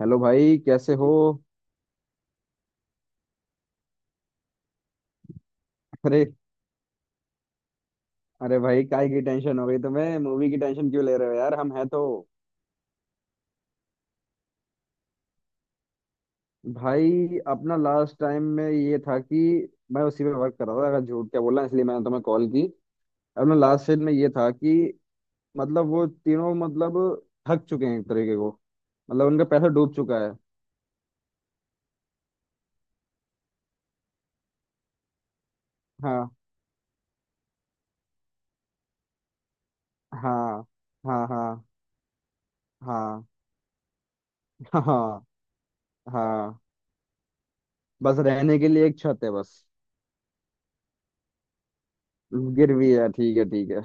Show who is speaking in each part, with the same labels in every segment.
Speaker 1: Hello भाई, कैसे हो। अरे अरे भाई, काय की टेंशन हो गई तुम्हें? मूवी की टेंशन क्यों ले रहे हो यार, हम हैं तो। भाई, अपना लास्ट टाइम में ये था कि मैं उसी पे वर्क कर रहा था, अगर झूठ क्या बोला, इसलिए मैंने तुम्हें कॉल की। अपना लास्ट सीन में ये था कि मतलब वो तीनों, मतलब थक चुके हैं एक तरीके को। मतलब उनका पैसा डूब चुका है। हाँ हाँ हाँ। हाँ हाँ हाँ। हाँ। बस रहने के लिए एक छत है, बस। गिर भी है, ठीक है, ठीक है।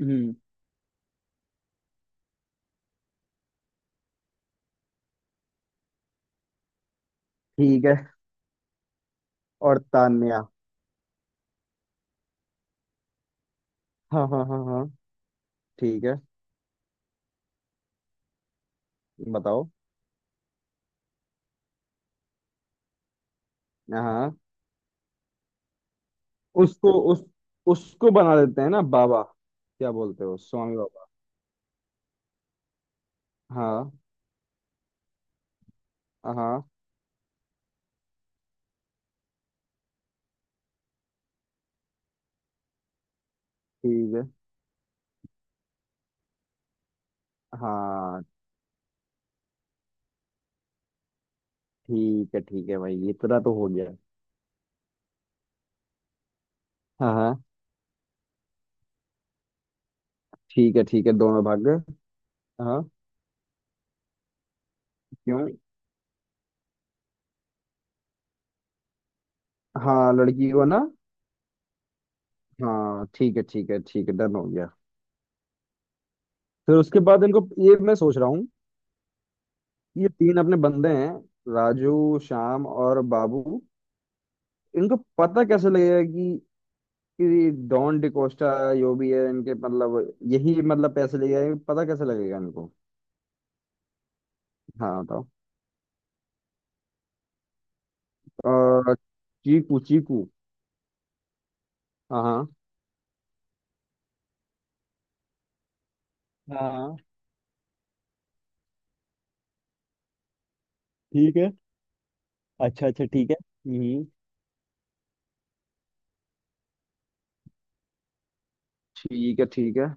Speaker 1: हम्म। ठीक है। और तान्या? हाँ हाँ हाँ हाँ ठीक है। बताओ। हाँ। उसको उस उसको बना देते हैं ना, बाबा। क्या बोलते हो, स्वामी बाबा। हाँ। हाँ ठीक है हाँ। ठीक है, भाई, इतना तो हो गया। हाँ हाँ ठीक है, ठीक है, दोनों भाग गए। हाँ। क्यों? हाँ, लड़की को ना। हाँ, ठीक है, ठीक है, ठीक है, डन हो गया। फिर उसके बाद इनको ये मैं सोच रहा हूँ। ये तीन अपने बंदे हैं। राजू, श्याम और बाबू। इनको पता कैसे लगेगा कि डॉन डिकोस्टा जो भी है इनके, मतलब यही मतलब पैसे ले जाएंगे, पता कैसे लगेगा इनको? हाँ, बताओ। अ, चीकू, चीकू। हाँ हाँ हाँ। ठीक है। अच्छा, अच्छा, ठीक है। हम्म। ठीक है। ठीक है।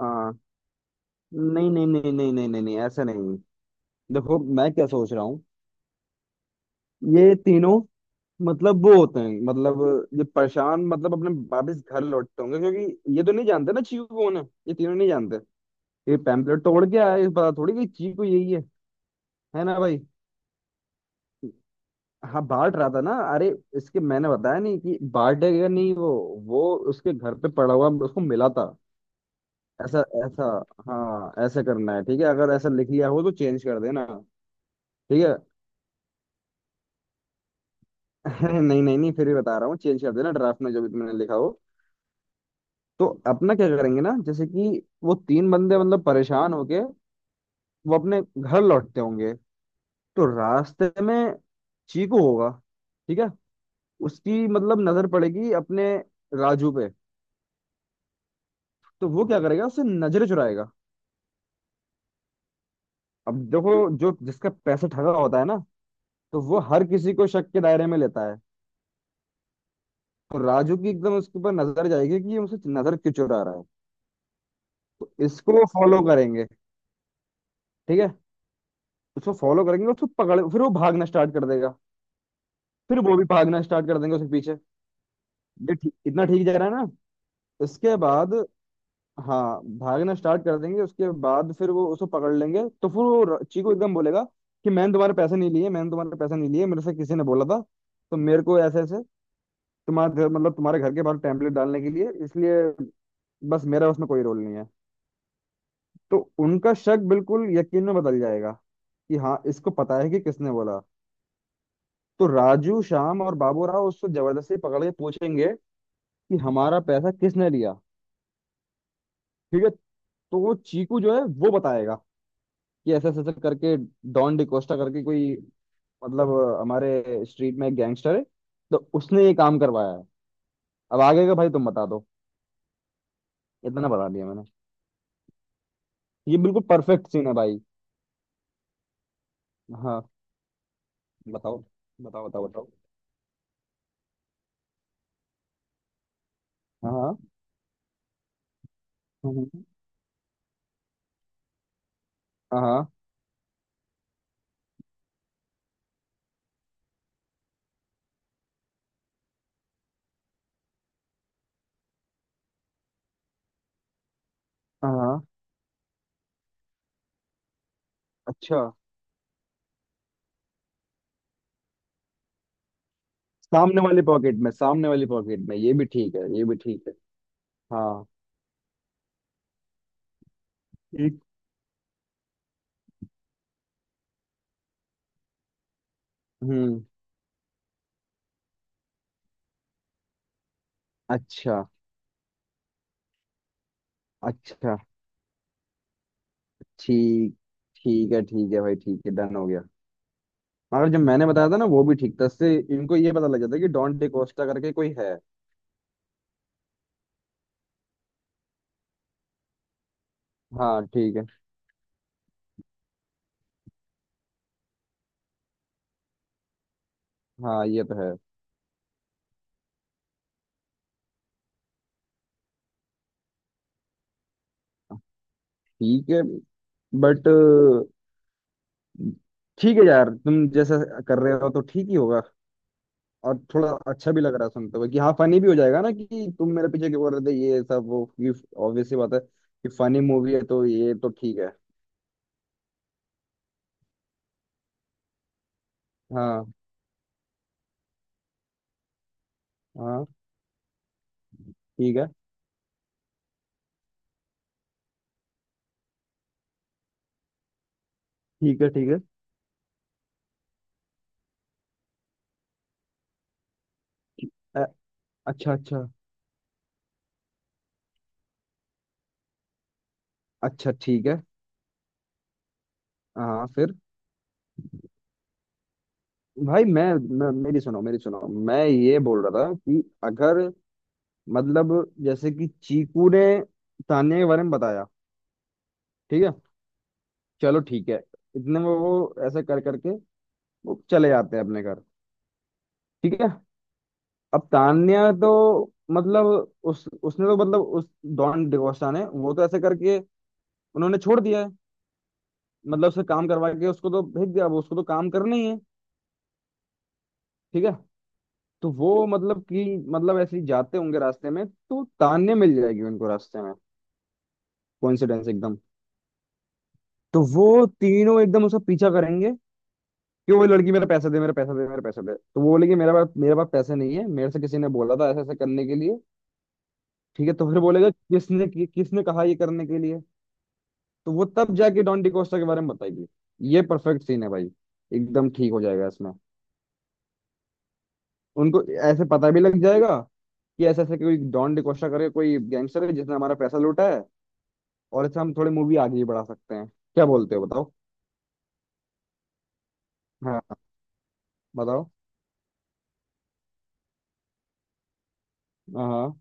Speaker 1: हाँ। नहीं नहीं नहीं नहीं नहीं नहीं नहीं, ऐसे नहीं। देखो मैं क्या सोच रहा हूँ। ये तीनों, मतलब वो होते हैं, मतलब ये परेशान, मतलब अपने वापस घर लौटते होंगे, क्योंकि ये तो नहीं जानते ना चीकू कौन है। ये तीनों नहीं जानते। ये पैम्पलेट तोड़ के आए, पता थोड़ी कि चीकू यही है। है ना भाई? हाँ बांट रहा था ना, अरे। इसके मैंने बताया नहीं कि बांटेगा नहीं वो उसके घर पे पड़ा हुआ उसको मिला था। ऐसा, ऐसा। हाँ, ऐसा करना है, ठीक है, अगर ऐसा लिख लिया हो तो चेंज कर देना। ठीक है। नहीं नहीं नहीं, फिर भी बता रहा हूँ, चेंज कर देना ड्राफ्ट में जो भी तुमने लिखा हो। तो अपना क्या करेंगे ना, जैसे कि वो तीन बंदे मतलब परेशान होके वो अपने घर लौटते होंगे। तो रास्ते में चीकू होगा, ठीक है। उसकी मतलब नजर पड़ेगी अपने राजू पे। तो वो क्या करेगा, उससे नजरें चुराएगा। अब देखो, जो जिसका पैसा ठगा होता है ना, तो वो हर किसी को शक के दायरे में लेता है। तो राजू की एकदम उसके ऊपर नजर जाएगी कि ये मुझसे नजर क्यों चुरा रहा है। तो इसको वो फॉलो करेंगे। ठीक है। उसको फॉलो करेंगे, उसको पकड़, फिर वो भागना स्टार्ट कर देगा। फिर वो भी भागना स्टार्ट कर देंगे उसके पीछे। ये ठीक, इतना ठीक जा रहा है ना? इसके बाद हाँ भागना स्टार्ट कर देंगे, उसके बाद फिर वो उसको पकड़ लेंगे, तो फिर चीकू एकदम बोलेगा कि मैंने तुम्हारे पैसे नहीं लिए, मैंने तुम्हारे पैसे नहीं लिए, मेरे से किसी ने बोला था, तो मेरे को ऐसे ऐसे मतलब तुम्हारे घर के बाहर टेम्पलेट डालने के लिए, इसलिए, बस मेरा उसमें कोई रोल नहीं है। तो उनका शक बिल्कुल यकीन में बदल जाएगा कि हाँ इसको पता है कि किसने बोला। तो राजू, श्याम और बाबू राव उसको जबरदस्ती पकड़ के पूछेंगे कि हमारा पैसा किसने लिया। ठीक है। तो वो चीकू जो है वो बताएगा ये ऐसे ऐसे ऐसे करके डॉन डिकोस्टा करके कोई, मतलब हमारे स्ट्रीट में एक गैंगस्टर है, तो उसने ये काम करवाया है। अब आगे का भाई तुम बता दो, इतना बता दिया मैंने। ये बिल्कुल परफेक्ट सीन है भाई। हाँ, बताओ, बताओ। हाँ। हम्म। हाँ। हाँ। अच्छा। सामने वाली पॉकेट में, सामने वाली पॉकेट में, ये भी ठीक है, ये भी ठीक है। हाँ। एक। हम्म। अच्छा, अच्छा। ठीक। ठीक है, ठीक है भाई, ठीक है, डन हो गया। मगर जब मैंने बताया था ना वो भी ठीक था, इससे इनको ये पता लग जाता है कि डॉन डे कोस्टा करके कोई है। हाँ, ठीक है। हाँ, ये तो है। ठीक है, बट ठीक है यार, तुम जैसा कर रहे हो तो ठीक ही होगा। और थोड़ा अच्छा भी लग रहा है सुनते हुए कि हाँ फनी भी हो जाएगा ना, कि तुम मेरे पीछे क्यों कर रहे थे ये सब वो कि, ऑब्वियस सी बात है कि फनी मूवी है तो ये तो ठीक है। हाँ हाँ ठीक है, ठीक है, ठीक है। अ- अच्छा, अच्छा। ठीक है। हाँ, फिर भाई, मैं मेरी सुनो, मेरी सुनो। मैं ये बोल रहा था कि अगर, मतलब जैसे कि चीकू ने तान्या के बारे में बताया, ठीक है, चलो ठीक है, इतने में वो ऐसे कर करके वो चले जाते हैं अपने घर। ठीक है। अब तान्या तो मतलब उस उसने तो मतलब उस डॉन डिगोस्टा ने, वो तो ऐसे करके उन्होंने छोड़ दिया है, मतलब उससे काम करवा के उसको तो भेज दिया, अब उसको तो काम करना ही है। ठीक है। तो वो मतलब कि, मतलब ऐसे ही जाते होंगे रास्ते में, तो तान्या मिल जाएगी उनको रास्ते में, कोइंसिडेंस एकदम। तो वो तीनों एकदम उसका पीछा करेंगे कि वो लड़की, मेरा पैसा दे, मेरा पैसा दे, मेरा पैसा दे। तो वो बोलेगी मेरा पास, मेरे पास पैसे नहीं है, मेरे से किसी ने बोला था ऐसा ऐसा करने के लिए। ठीक है। तो फिर बोलेगा किसने कहा ये करने के लिए। तो वो तब जाके डॉन डिकोस्टा के बारे में बताएगी। ये परफेक्ट सीन है भाई, एकदम ठीक हो जाएगा इसमें। उनको ऐसे पता भी लग जाएगा कि ऐसे ऐसे कोई डॉन डिकोस्टा करके कोई गैंगस्टर है जिसने हमारा पैसा लूटा है। और इससे हम थोड़ी मूवी आगे भी बढ़ा सकते हैं। क्या बोलते हो, बताओ। हाँ, बताओ। हाँ।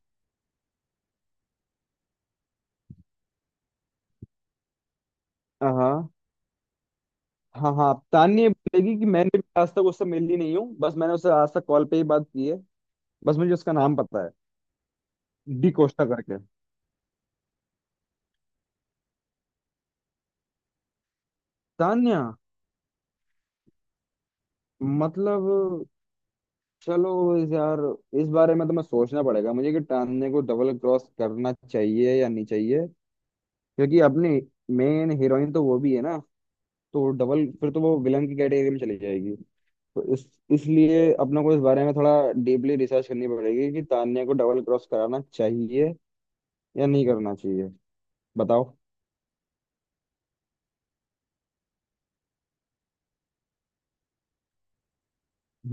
Speaker 1: हाँ हाँ। हाँ। तान्या ये बोलेगी कि मैंने भी आज तक उससे मिली नहीं हूँ, बस मैंने उससे आज तक कॉल पे ही बात की है, बस मुझे उसका नाम पता है, डी कोस्टा करके। तान्या, मतलब चलो इस यार, इस बारे में तो मैं सोचना पड़ेगा मुझे कि तान्या को डबल क्रॉस करना चाहिए या नहीं चाहिए। क्योंकि अपनी मेन हीरोइन तो वो भी है ना, तो डबल फिर तो वो विलन की कैटेगरी में चली जाएगी। तो इस, इसलिए अपने को इस बारे में थोड़ा डीपली रिसर्च करनी पड़ेगी कि तान्या को डबल क्रॉस कराना चाहिए या नहीं करना चाहिए। बताओ।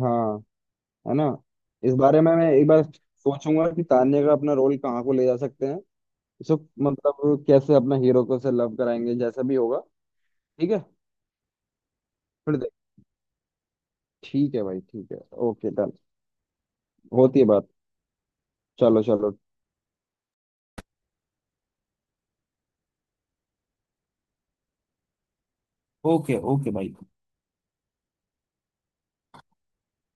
Speaker 1: हाँ, है ना। इस बारे में मैं एक बार सोचूंगा कि तान्या का अपना रोल कहाँ को ले जा सकते हैं, इसको, मतलब कैसे अपना हीरो को से लव कराएंगे जैसा भी होगा। ठीक है। फिर देख, ठीक है भाई, ठीक है, ओके डन। होती है बात। चलो चलो। ओके, ओके भाई।